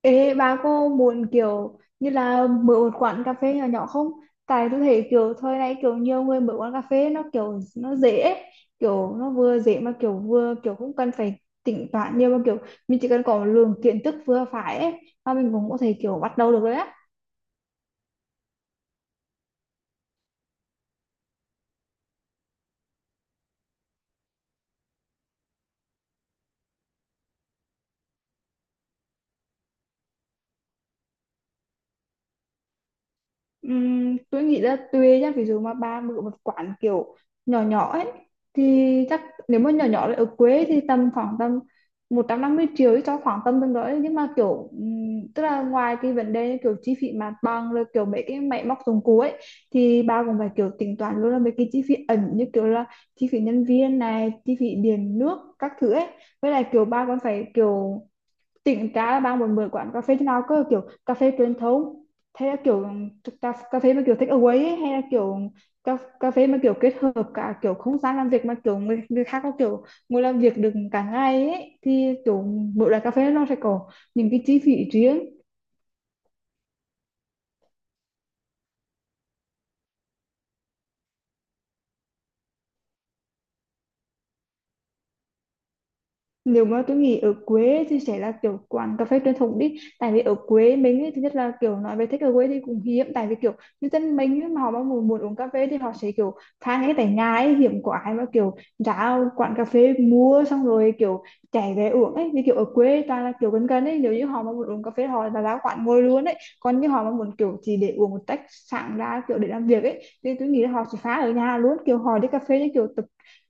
Ê, bà có muốn kiểu như là mở một quán cà phê nhỏ nhỏ không? Tại tôi thấy kiểu thời này kiểu nhiều người mở quán cà phê nó kiểu nó dễ ấy. Kiểu nó vừa dễ mà kiểu vừa kiểu không cần phải tính toán nhiều mà kiểu mình chỉ cần có lượng kiến thức vừa phải ấy mà mình cũng có thể kiểu bắt đầu được đấy á. Tôi nghĩ là tùy nhá, ví dụ mà ba mở một quán kiểu nhỏ nhỏ ấy thì chắc nếu mà nhỏ nhỏ là ở quê thì tầm khoảng tầm 150 triệu ấy, cho khoảng tầm tương đối, nhưng mà kiểu tức là ngoài cái vấn đề kiểu chi phí mặt bằng rồi kiểu mấy cái máy móc dụng cụ ấy thì ba cũng phải kiểu tính toán luôn là mấy cái chi phí ẩn như kiểu là chi phí nhân viên này, chi phí điện nước các thứ ấy. Với lại kiểu ba còn phải kiểu tỉnh ra là bạn muốn mở quán cà phê thế nào, có kiểu cà phê truyền thống, hay là kiểu cà phê mà kiểu take away ấy, hay là kiểu cà phê mà kiểu kết hợp cả kiểu không gian làm việc mà kiểu người khác có kiểu ngồi làm việc được cả ngày ấy, thì kiểu mỗi loại cà phê nó sẽ có những cái chi phí riêng. Nếu mà tôi nghĩ ở quê thì sẽ là kiểu quán cà phê truyền thống đi, tại vì ở quê mình ấy, thứ nhất là kiểu nói về thích ở away thì cũng hiếm, tại vì kiểu như dân mình ấy, mà họ mà muốn uống cà phê thì họ sẽ kiểu pha ngay tại nhà ấy, hiếm có ai mà kiểu ra quán cà phê mua xong rồi kiểu chạy về uống ấy, vì kiểu ở quê toàn là kiểu gần gần ấy, nếu như họ mà muốn uống cà phê họ là ra quán ngồi luôn ấy. Còn như họ mà muốn kiểu chỉ để uống một tách sáng ra kiểu để làm việc ấy thì tôi nghĩ là họ sẽ pha ở nhà luôn, kiểu họ đi cà phê như kiểu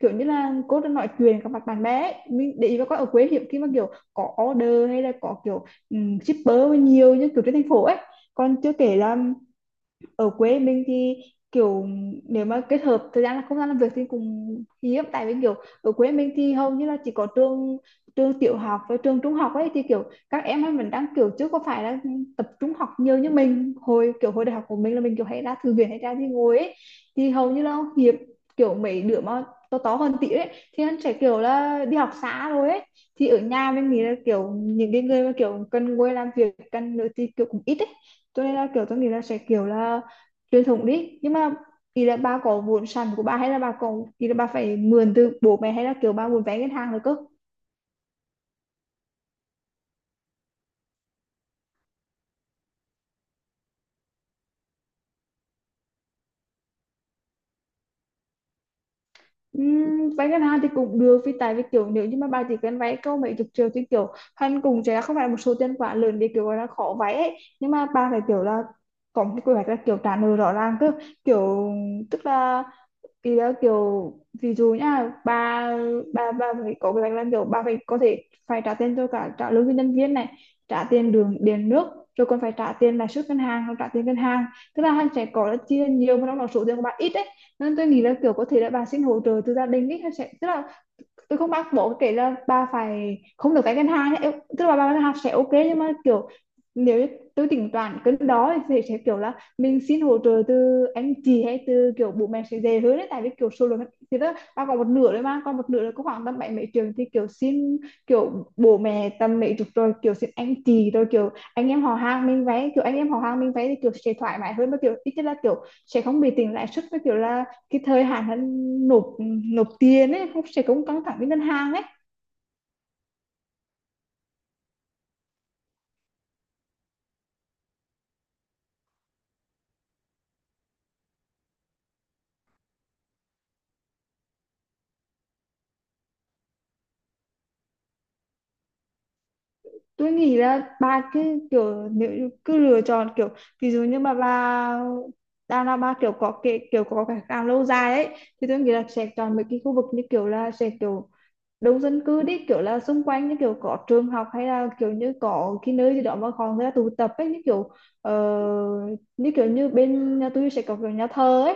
kiểu như là cô đang nói chuyệnกับmặt bạn bè ấy. Mình để ý mà coi, ở quê hiếm khi mà kiểu có order hay là có kiểu shipper nhiều như kiểu trên thành phố ấy. Còn chưa kể là ở quê mình thì kiểu nếu mà kết hợp thời gian là không gian làm việc thì cũng hiếm, tại vì kiểu ở quê mình thì hầu như là chỉ có trường trường tiểu học và trường trung học ấy, thì kiểu các em ấy mình đang kiểu chứ có phải là tập trung học nhiều như mình hồi kiểu hồi đại học của mình là mình kiểu hay ra thư viện hay ra đi ngồi ấy, thì hầu như là hiếm kiểu mấy đứa mà to to hơn tí ấy thì anh sẽ kiểu là đi học xa rồi ấy. Thì ở nhà mình nghĩ là kiểu những cái người mà kiểu cần ngồi làm việc cần nữa thì kiểu cũng ít ấy, cho nên là kiểu tôi nghĩ là sẽ kiểu là truyền thống đi. Nhưng mà thì là bà có vốn sẵn của bà hay là bà có, thì là bà phải mượn từ bố mẹ hay là kiểu bà muốn vay ngân hàng rồi cơ? Vay ngân hàng thì cũng được, vì tại vì kiểu nếu như mà bà chỉ cần vay câu mấy chục triệu thì kiểu hắn cùng sẽ không phải là một số tiền quá lớn để kiểu gọi là khó vay ấy, nhưng mà bà phải kiểu là có một cái quy hoạch là kiểu trả nợ rõ ràng cơ, kiểu tức là vì đó kiểu ví dụ nha bà, bà phải có cái là kiểu bà phải có thể phải trả tiền cho cả trả lương cho nhân viên này, trả tiền đường điện nước, rồi còn phải trả tiền lãi suất ngân hàng rồi trả tiền ngân hàng. Tức là hàng sẽ có là chia nhiều mà trong đó số tiền của bà ít ấy, nên tôi nghĩ là kiểu có thể là bà xin hỗ trợ từ gia đình ấy. Hàng sẽ tức là tôi không bắt buộc kể là bà phải không được vay ngân hàng ấy, tức là bà vay ngân hàng sẽ ok, nhưng mà kiểu nếu như tôi tính toán cái đó thì sẽ kiểu là mình xin hỗ trợ từ anh chị hay từ kiểu bố mẹ sẽ dễ hơn đấy, tại vì kiểu số lượng thì đó bà còn một nửa đấy, mà còn một nửa là có khoảng tầm bảy mấy trường thì kiểu xin kiểu bố mẹ tầm mấy chục, rồi kiểu xin anh chị, rồi kiểu anh em họ hàng mình vay, kiểu anh em họ hàng mình vay thì kiểu sẽ thoải mái hơn và kiểu ít nhất là kiểu sẽ không bị tính lãi suất, với kiểu là cái thời hạn hắn nộp nộp tiền ấy không sẽ cũng căng thẳng với ngân hàng ấy. Tôi nghĩ là bà cứ kiểu nếu cứ lựa chọn kiểu, ví dụ như mà bà đang là bà kiểu có cái càng lâu dài ấy thì tôi nghĩ là sẽ chọn mấy cái khu vực như kiểu là sẽ kiểu đông dân cư đi, kiểu là xung quanh như kiểu có trường học hay là kiểu như có cái nơi gì đó mà còn người ta tụ tập ấy, như kiểu ờ, như kiểu như bên nhà tôi sẽ có kiểu nhà thờ ấy,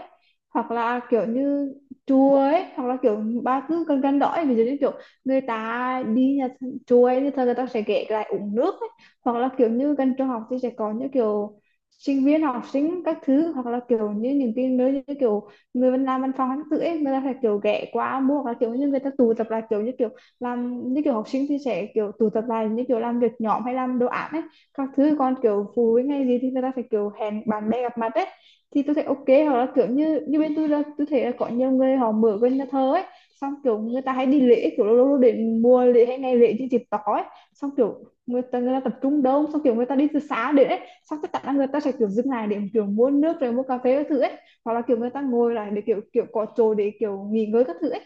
hoặc là kiểu như chùa ấy, hoặc là kiểu ba cứ gần gần đó ấy. Ví dụ như kiểu người ta đi chùa ấy thì thờ người ta sẽ ghé lại uống nước ấy. Hoặc là kiểu như gần trường học thì sẽ có những kiểu sinh viên học sinh các thứ, hoặc là kiểu như những cái nơi như kiểu người mình làm văn phòng hắn tự ấy người ta phải kiểu ghé qua mua, và kiểu như người ta tụ tập lại kiểu như kiểu làm như kiểu học sinh thì sẽ kiểu tụ tập lại như kiểu làm việc nhóm hay làm đồ án ấy các thứ, còn kiểu phụ huynh hay gì thì người ta phải kiểu hẹn bạn bè gặp mặt ấy, thì tôi thấy ok. Hoặc là kiểu như như bên tôi là tôi thấy là có nhiều người họ mở bên nhà thờ ấy, xong kiểu người ta hay đi lễ kiểu lâu lâu để mua lễ hay ngày lễ trên dịp tỏ ấy, xong kiểu người ta tập trung đông, xong kiểu người ta đi từ sáng đến ấy, xong tất cả người ta sẽ kiểu dừng lại để kiểu mua nước rồi mua cà phê các thứ ấy, hoặc là kiểu người ta ngồi lại để kiểu kiểu có chỗ để kiểu nghỉ ngơi các thứ ấy.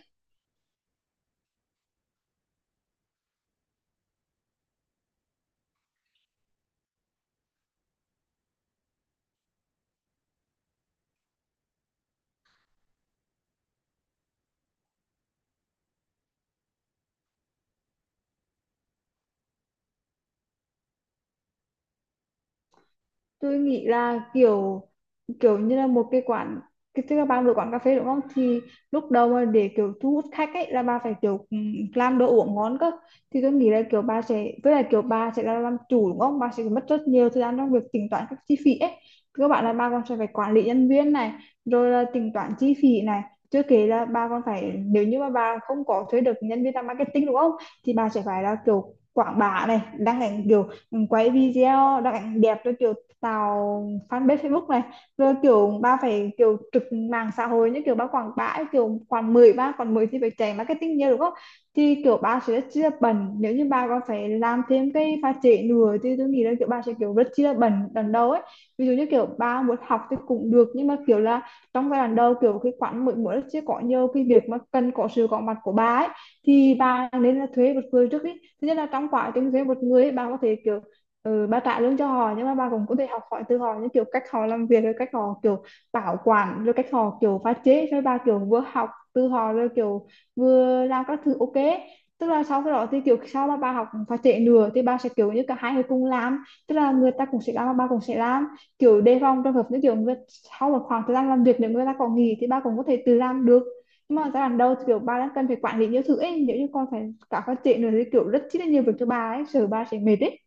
Tôi nghĩ là kiểu kiểu như là một cái quán, cái tức là bà mở quán cà phê đúng không, thì lúc đầu mà để kiểu thu hút khách ấy là bà phải kiểu làm đồ uống ngon cơ. Thì tôi nghĩ là kiểu bà sẽ, với lại kiểu bà sẽ là làm chủ đúng không, bà sẽ mất rất nhiều thời gian trong việc tính toán các chi phí ấy, các bạn là bà còn sẽ phải quản lý nhân viên này, rồi là tính toán chi phí này, chưa kể là bà còn phải nếu như mà bà không có thuê được nhân viên làm marketing đúng không, thì bà sẽ phải là kiểu quảng bá này, đăng ảnh kiểu quay video đăng ảnh đẹp cho kiểu tạo fanpage Facebook này, rồi kiểu ba phải kiểu trực mạng xã hội như kiểu ba quảng bá ấy, kiểu khoảng 13 còn 10 thì phải chạy marketing nhiều đúng không, thì kiểu ba sẽ rất chi là bận, nếu như ba còn phải làm thêm cái pha trễ nữa thì tôi nghĩ là kiểu ba sẽ kiểu rất chi là bận lần đầu ấy. Ví dụ như kiểu ba muốn học thì cũng được, nhưng mà kiểu là trong giai đoạn đầu kiểu cái khoảng mỗi mỗi sẽ có nhiều cái việc mà cần có sự có mặt của bà ấy, thì ba nên là thuê một người trước đi. Thứ nhất là trong quá trình thuê một người ấy, bà có thể kiểu ba trả lương cho họ nhưng mà ba cũng có thể học hỏi từ họ những kiểu cách họ làm việc rồi cách họ kiểu bảo quản rồi cách họ kiểu pha chế, rồi ba kiểu vừa học từ họ rồi kiểu vừa làm các thứ ok. Tức là sau cái đó thì kiểu sau mà ba học pha chế nữa thì ba sẽ kiểu như cả hai người cùng làm, tức là người ta cũng sẽ làm và ba cũng sẽ làm, kiểu đề phòng trường hợp như kiểu người sau một khoảng thời gian làm việc nếu người ta có nghỉ thì ba cũng có thể tự làm được. Nhưng mà giai đoạn đầu thì kiểu ba đang cần phải quản lý nhiều thứ ấy, nếu như con phải cả phát triển nữa thì kiểu rất chi là nhiều việc cho ba ấy, sợ ba sẽ mệt ấy.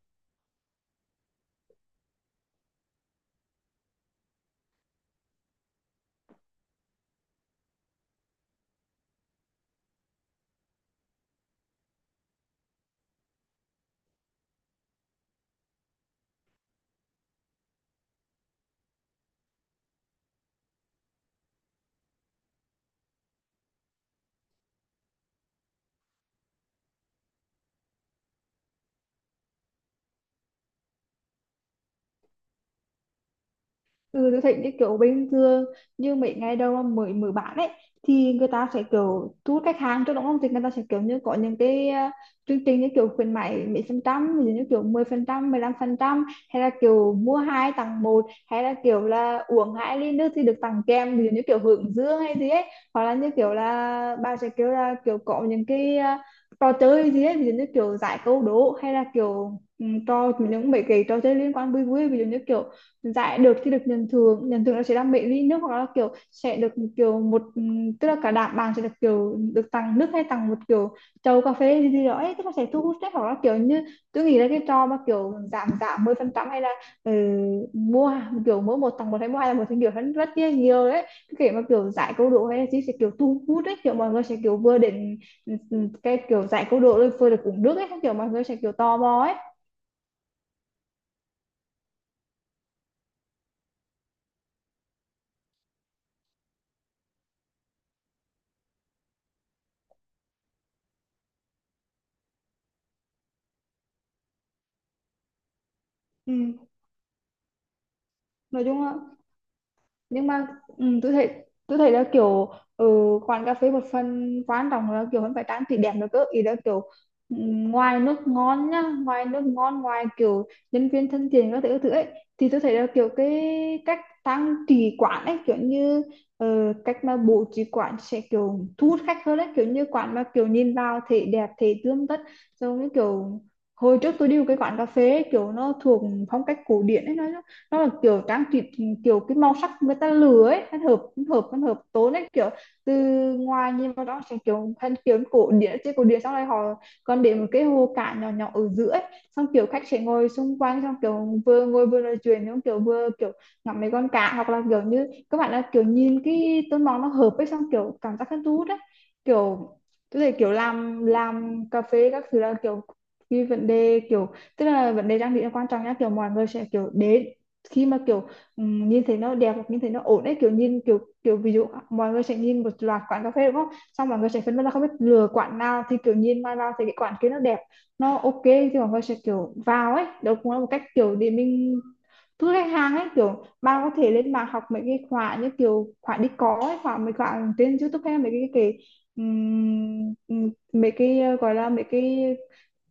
Ừ, tôi thấy như kiểu bình thường, như mấy ngày đầu mà mới mở bán ấy thì người ta sẽ kiểu thu hút khách hàng trước đúng không, thì người ta sẽ kiểu như có những cái chương trình như kiểu khuyến mãi mấy phần trăm, ví dụ như kiểu 10%, 15%, hay là kiểu mua hai tặng một, hay là kiểu là uống hai ly nước thì được tặng kem, ví dụ như kiểu hướng dương hay gì ấy. Hoặc là như kiểu là bà sẽ kiểu là kiểu có những cái trò chơi gì ấy, ví dụ như kiểu giải câu đố hay là kiểu trò những mấy cái trò chơi liên quan vui vui, ví dụ như kiểu giải được thì được nhận thưởng, nhận thưởng là sẽ làm mấy ly nước, hoặc là kiểu sẽ được kiểu một tức là cả đám bạn sẽ được kiểu được tặng nước hay tặng một kiểu chầu cà phê gì gì đó ấy, tức là sẽ thu hút đấy. Hoặc là kiểu như tôi nghĩ là cái trò mà kiểu giảm giảm 10%, hay là ừ, mua kiểu mỗi một tặng một hay mua hai là một thì kiểu hơn rất là nhiều đấy, cái kiểu mà kiểu giải câu đố hay là gì sẽ kiểu thu hút đấy, kiểu mọi người sẽ kiểu vừa đến cái kiểu giải câu đố rồi vừa được uống nước ấy, kiểu mọi người sẽ kiểu tò mò ấy. Ừ. Nói chung là, nhưng mà tôi thấy, tôi thấy là kiểu ừ, quán cà phê một phần quan trọng là kiểu vẫn phải trang trí đẹp nữa cơ, ý là kiểu ừ, ngoài nước ngon nhá, ngoài nước ngon, ngoài kiểu nhân viên thân thiện các thứ ấy, thì tôi thấy là kiểu cái cách trang trí quán ấy kiểu như cách mà bố trí quán sẽ kiểu thu hút khách hơn ấy, kiểu như quán mà kiểu nhìn vào thấy đẹp, thấy tươm tất, giống như kiểu hồi trước tôi đi một cái quán cà phê ấy, kiểu nó thuộc phong cách cổ điển ấy, nó là kiểu trang trí kiểu cái màu sắc người ta lừa ấy, nó hợp nó hợp nó hợp tốn ấy, kiểu từ ngoài nhìn vào đó sẽ kiểu thân kiểu cổ điển trên cổ điển, xong rồi họ còn để một cái hồ cả nhỏ nhỏ ở giữa ấy. Xong kiểu khách sẽ ngồi xung quanh, xong kiểu vừa ngồi vừa nói chuyện, xong kiểu vừa kiểu ngắm mấy con cá, hoặc là kiểu như các bạn là kiểu nhìn cái tôn màu nó hợp ấy, xong kiểu cảm giác hứng thú đấy, kiểu tức là kiểu làm cà phê các thứ là kiểu cái vấn đề kiểu, tức là vấn đề trang bị là quan trọng nhá, kiểu mọi người sẽ kiểu đến khi mà kiểu nhìn thấy nó đẹp hoặc nhìn thấy nó ổn ấy, kiểu nhìn kiểu kiểu ví dụ mọi người sẽ nhìn một loạt quán cà phê đúng không, xong mọi người sẽ phân vân là không biết lựa quán nào, thì kiểu nhìn mai vào thì cái quán kia nó đẹp, nó ok thì mọi người sẽ kiểu vào ấy, đó cũng là một cách kiểu để mình thu khách hàng ấy. Kiểu bạn có thể lên mạng học mấy cái khóa như kiểu khóa đi có ấy, khóa mấy khóa trên YouTube hay mấy cái ừm, mấy cái gọi là mấy cái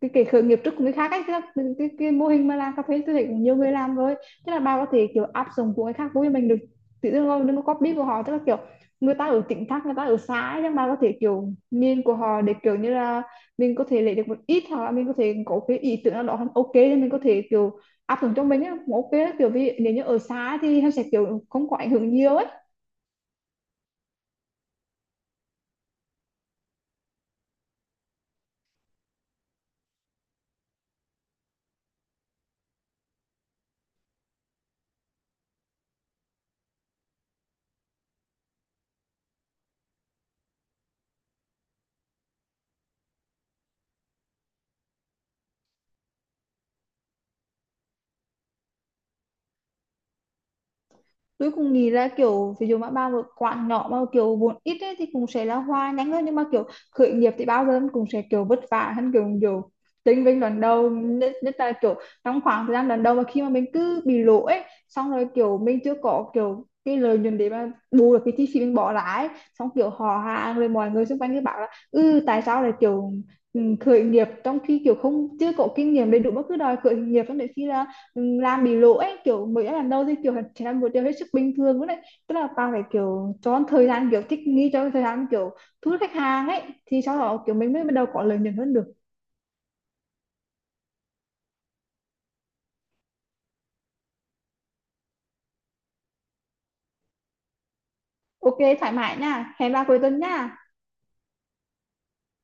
cái khởi nghiệp trước của người khác ấy, cái mô hình mà làm cà phê tôi thấy cũng nhiều người làm rồi. Tức là bà có thể kiểu áp dụng của người khác với mình được, tự dưng rồi đừng có copy của họ, tức là kiểu người ta ở tỉnh khác, người ta ở xã ấy, nhưng bà có thể kiểu nhìn của họ để kiểu như là mình có thể lấy được một ít, hoặc là mình có thể có cái ý tưởng nào đó không ok thì mình có thể kiểu áp dụng cho mình á, ok á. Kiểu vì nếu như ở xã thì nó sẽ kiểu không có ảnh hưởng nhiều ấy. Tôi cũng nghĩ là kiểu ví dụ mà bao một quán nhỏ mà kiểu vốn ít ấy, thì cũng sẽ là hoa nhanh hơn, nhưng mà kiểu khởi nghiệp thì bao giờ cũng sẽ kiểu vất vả hơn kiểu kiểu tính bên đoạn đầu nhất, nhất là kiểu trong khoảng thời gian đoạn đầu mà khi mà mình cứ bị lỗ ấy, xong rồi kiểu mình chưa có kiểu cái lợi nhuận để mà bù được cái chi phí mình bỏ ra ấy, xong kiểu họ hàng rồi mọi người xung quanh cứ bảo là ừ tại sao lại kiểu khởi nghiệp trong khi kiểu không chưa có kinh nghiệm đầy đủ mà cứ đòi khởi nghiệp, xong đến khi là làm bị lỗ ấy kiểu mới làm đâu thì kiểu chỉ là một điều hết sức bình thường đấy, tức là tao phải kiểu cho thời gian kiểu thích nghi, cho thời gian kiểu thu hút khách hàng ấy, thì sau đó kiểu mình mới bắt đầu có lợi nhuận hơn được. Ok thoải mái nha, hẹn ba cuối tuần nha.